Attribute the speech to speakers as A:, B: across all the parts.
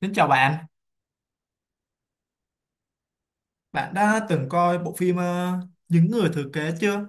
A: Xin chào bạn, bạn đã từng coi bộ phim Những người thừa kế chưa?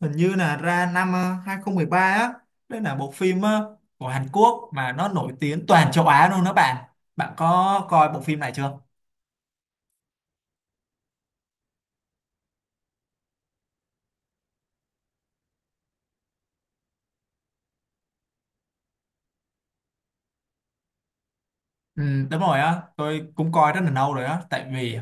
A: Hình như là ra năm 2013 á, đây là bộ phim của Hàn Quốc mà nó nổi tiếng toàn châu Á luôn đó bạn. Bạn có coi bộ phim này chưa? Ừ, đúng rồi á, tôi cũng coi rất là lâu rồi á, tại vì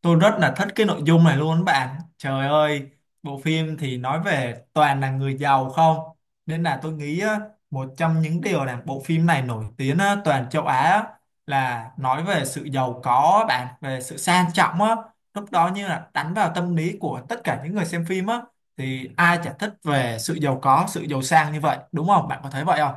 A: tôi rất là thích cái nội dung này luôn bạn. Trời ơi, bộ phim thì nói về toàn là người giàu không, nên là tôi nghĩ á, một trong những điều làm bộ phim này nổi tiếng á, toàn châu Á á, là nói về sự giàu có á bạn, về sự sang trọng á, lúc đó như là đánh vào tâm lý của tất cả những người xem phim á, thì ai chả thích về sự giàu có, sự giàu sang như vậy, đúng không? Bạn có thấy vậy không?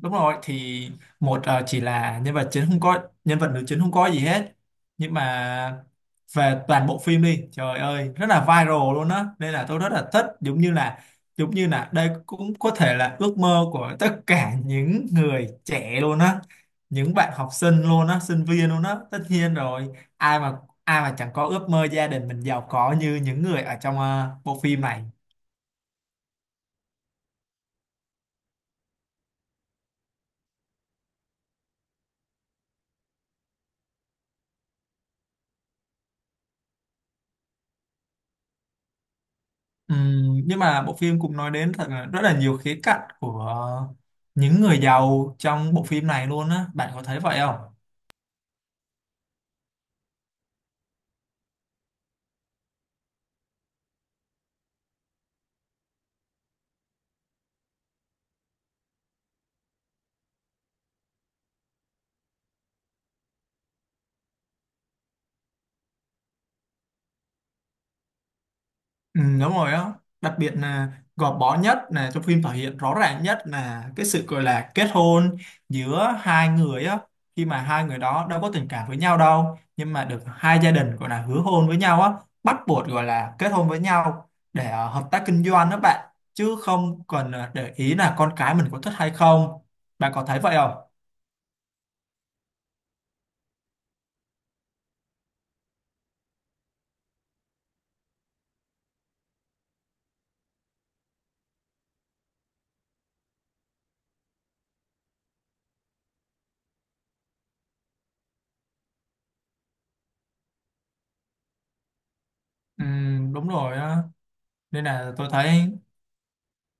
A: Đúng rồi thì một chỉ là nhân vật chính không có nhân vật nữ chính không có gì hết, nhưng mà về toàn bộ phim đi trời ơi rất là viral luôn á, nên là tôi rất là thích, giống như là đây cũng có thể là ước mơ của tất cả những người trẻ luôn á, những bạn học sinh luôn á, sinh viên luôn á, tất nhiên rồi. Ai mà ai mà chẳng có ước mơ gia đình mình giàu có như những người ở trong bộ phim này. Nhưng mà bộ phim cũng nói đến thật là rất là nhiều khía cạnh của những người giàu trong bộ phim này luôn á, bạn có thấy vậy không? Ừ, đúng rồi á, đặc biệt là gò bó nhất là trong phim thể hiện rõ ràng nhất là cái sự gọi là kết hôn giữa hai người á, khi mà hai người đó đâu có tình cảm với nhau đâu nhưng mà được hai gia đình gọi là hứa hôn với nhau á, bắt buộc gọi là kết hôn với nhau để hợp tác kinh doanh đó bạn, chứ không cần để ý là con cái mình có thích hay không. Bạn có thấy vậy không? Ừ, đúng rồi á, nên là tôi thấy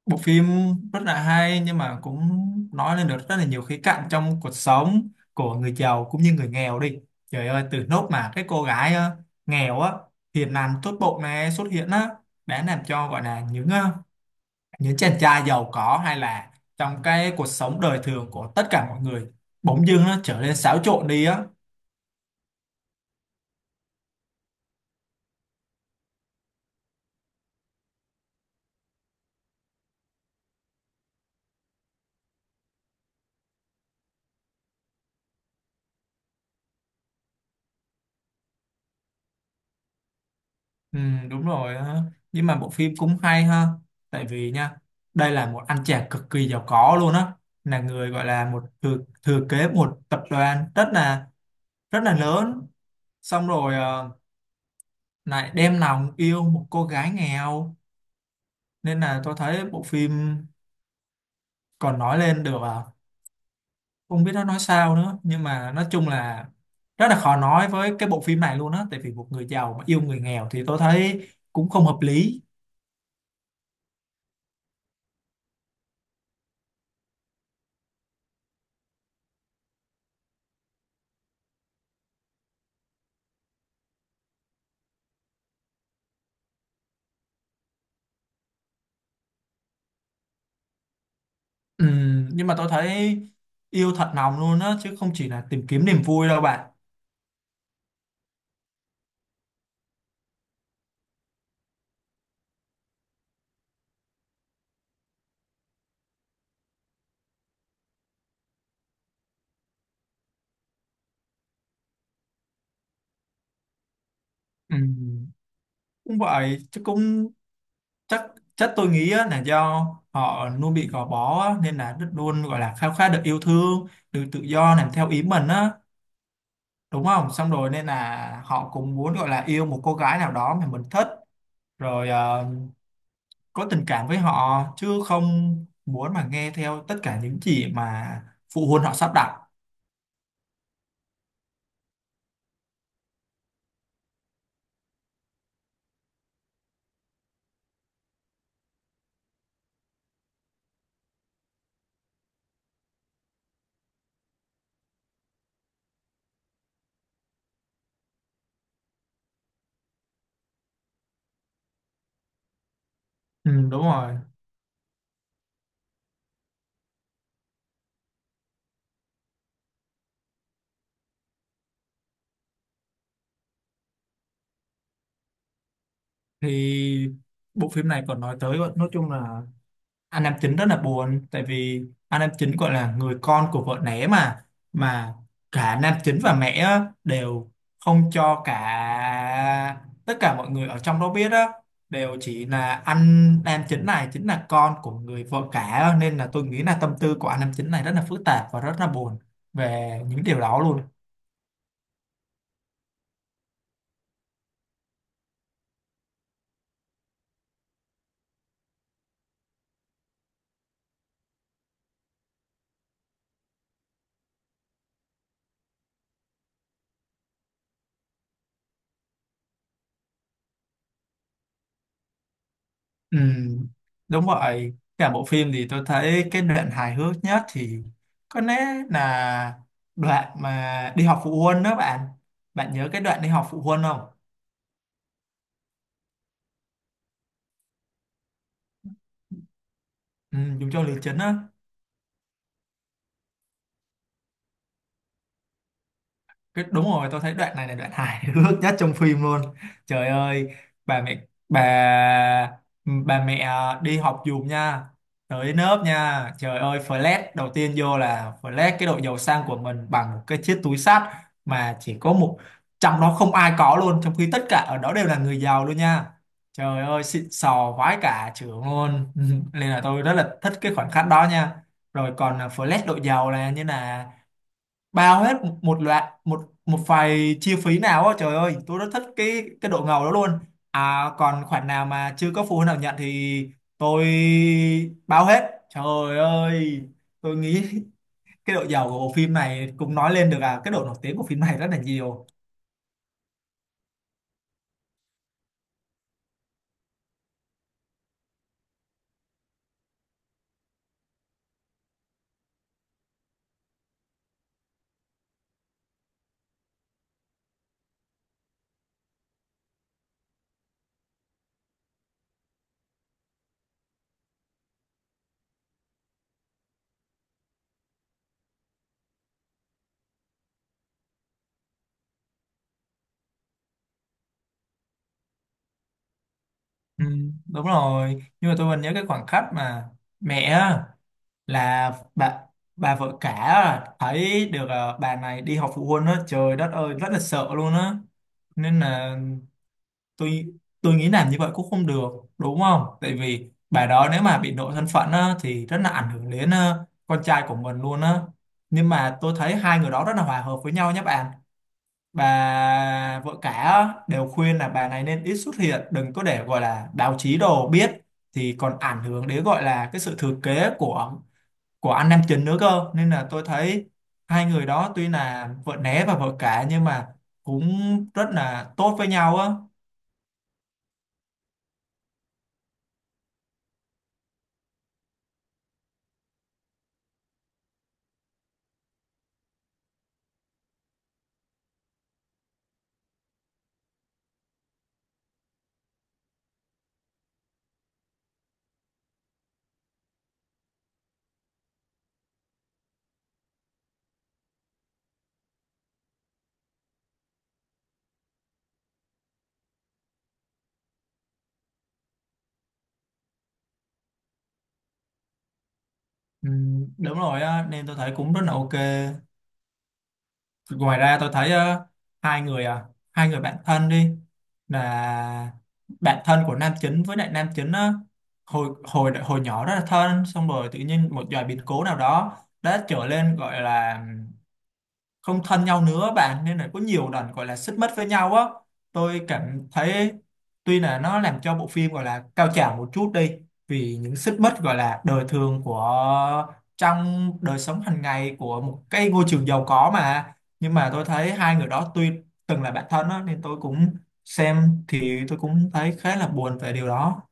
A: bộ phim rất là hay nhưng mà cũng nói lên được rất là nhiều khía cạnh trong cuộc sống của người giàu cũng như người nghèo đi. Trời ơi, từ nốt mà cái cô gái nghèo á, hiền lành tốt bụng này xuất hiện á, đã làm cho gọi là những những chàng trai giàu có, hay là trong cái cuộc sống đời thường của tất cả mọi người bỗng dưng nó trở nên xáo trộn đi á. Ừ, đúng rồi á. Nhưng mà bộ phim cũng hay ha, tại vì nha đây là một anh chàng cực kỳ giàu có luôn á, là người gọi là một thừa kế một tập đoàn rất là lớn, xong rồi lại đem lòng yêu một cô gái nghèo, nên là tôi thấy bộ phim còn nói lên được à, không biết nó nói sao nữa nhưng mà nói chung là rất là khó nói với cái bộ phim này luôn á, tại vì một người giàu mà yêu người nghèo thì tôi thấy cũng không hợp lý. Ừ, nhưng mà tôi thấy yêu thật lòng luôn á, chứ không chỉ là tìm kiếm niềm vui đâu bạn. Ừ, cũng vậy, chứ cũng chắc, chắc tôi nghĩ á, là do họ luôn bị gò bó á, nên là rất luôn gọi là khao khát được yêu thương, được tự do làm theo ý mình á, đúng không, xong rồi nên là họ cũng muốn gọi là yêu một cô gái nào đó mà mình thích, rồi có tình cảm với họ chứ không muốn mà nghe theo tất cả những gì mà phụ huynh họ sắp đặt. Ừ, đúng rồi thì bộ phim này còn nói tới, nói chung là anh nam chính rất là buồn, tại vì anh nam chính gọi là người con của vợ né mà, mà cả nam chính và mẹ á, đều không cho cả tất cả mọi người ở trong đó biết á, đều chỉ là anh nam chính này chính là con của người vợ cả á. Nên là tôi nghĩ là tâm tư của anh nam chính này rất là phức tạp và rất là buồn về những điều đó luôn. Ừ, đúng vậy. Cả bộ phim thì tôi thấy cái đoạn hài hước nhất thì có lẽ là đoạn mà đi họp phụ huynh đó bạn. Bạn nhớ cái đoạn đi họp phụ huynh không? Ừ, dùng cho Lý Trấn á. Cái- đúng rồi, tôi thấy đoạn này là đoạn hài hước nhất trong phim luôn. Trời ơi, bà mẹ, bà bà mẹ à, đi học giùm nha, tới lớp nha, trời ơi, flash đầu tiên vô là flash cái độ giàu sang của mình bằng một cái chiếc túi xách mà chỉ có một, trong đó không ai có luôn, trong khi tất cả ở đó đều là người giàu luôn nha. Trời ơi, xịn sò vãi cả trưởng luôn nên là tôi rất là thích cái khoảnh khắc đó nha. Rồi còn à, flash độ giàu là như là bao hết một, một loạt một một vài chi phí nào á, trời ơi tôi rất thích cái độ ngầu đó luôn. À còn khoản nào mà chưa có phụ huynh nào nhận thì tôi bao hết, trời ơi tôi nghĩ cái độ giàu của bộ phim này cũng nói lên được à cái độ nổi tiếng của phim này rất là nhiều. Ừ, đúng rồi, nhưng mà tôi vẫn nhớ cái khoảnh khắc mà mẹ á, là bà vợ cả á, thấy được à, bà này đi họp phụ huynh á, trời đất ơi rất là sợ luôn á, nên là tôi tôi nghĩ làm như vậy cũng không được, đúng không, tại vì bà đó nếu mà bị lộ thân phận á, thì rất là ảnh hưởng đến con trai của mình luôn á, nhưng mà tôi thấy hai người đó rất là hòa hợp với nhau nhé bạn. Bà vợ cả á, đều khuyên là bà này nên ít xuất hiện, đừng có để gọi là báo chí đồ biết, thì còn ảnh hưởng đến gọi là cái sự thừa kế của anh nam chính nữa cơ, nên là tôi thấy hai người đó tuy là vợ né và vợ cả nhưng mà cũng rất là tốt với nhau á. Ừ, đúng rồi á, nên tôi thấy cũng rất là ok. Ngoài ra tôi thấy hai người à, hai người bạn thân đi, là bạn thân của nam chính với lại nam chính á, hồi hồi hồi nhỏ rất là thân, xong rồi tự nhiên một vài biến cố nào đó đã trở lên gọi là không thân nhau nữa bạn, nên là có nhiều lần gọi là xích mích với nhau á. Tôi cảm thấy tuy là nó làm cho bộ phim gọi là cao trào một chút đi vì những xích mích gọi là đời thường của trong đời sống hàng ngày của một cái ngôi trường giàu có mà, nhưng mà tôi thấy hai người đó tuy từng là bạn thân á, nên tôi cũng xem thì tôi cũng thấy khá là buồn về điều đó.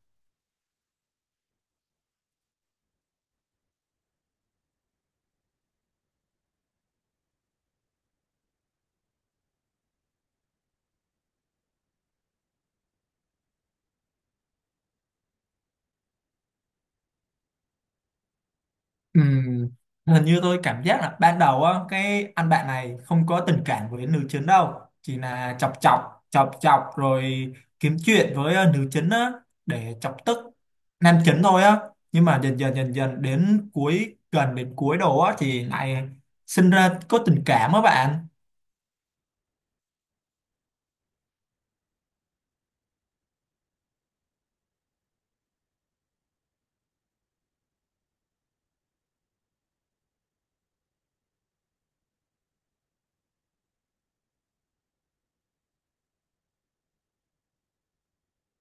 A: Ừ, hình như tôi cảm giác là ban đầu á cái anh bạn này không có tình cảm với nữ chính đâu, chỉ là chọc chọc chọc chọc rồi kiếm chuyện với nữ chính á, để chọc tức nam chính thôi á, nhưng mà dần dần đến cuối, gần đến cuối đồ á thì lại sinh ra có tình cảm á bạn.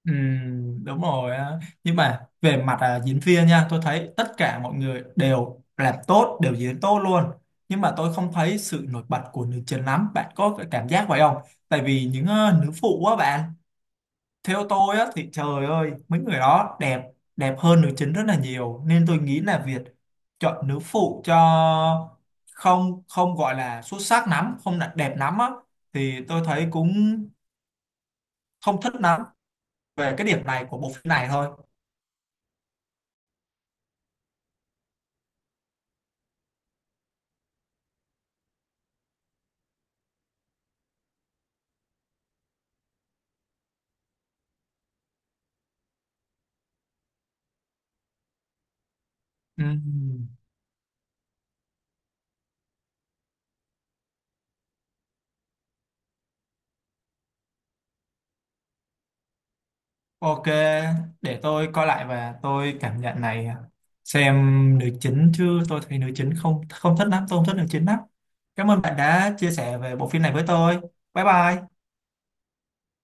A: Ừ, đúng rồi á. Nhưng mà về mặt à, diễn viên nha, tôi thấy tất cả mọi người đều làm tốt, đều diễn tốt luôn, nhưng mà tôi không thấy sự nổi bật của nữ chính lắm, bạn có cái cảm giác vậy không? Tại vì những nữ phụ á bạn, theo tôi á thì trời ơi mấy người đó đẹp, đẹp hơn nữ chính rất là nhiều, nên tôi nghĩ là việc chọn nữ phụ cho không không gọi là xuất sắc lắm, không là đẹp lắm á, thì tôi thấy cũng không thích lắm về cái điểm này của bộ phim này thôi. Ừm, Ok, để tôi coi lại và tôi cảm nhận này, xem nữ chính, chứ tôi thấy nữ chính không không thích lắm, tôi không thích nữ chính lắm. Cảm ơn bạn đã chia sẻ về bộ phim này với tôi. Bye bye.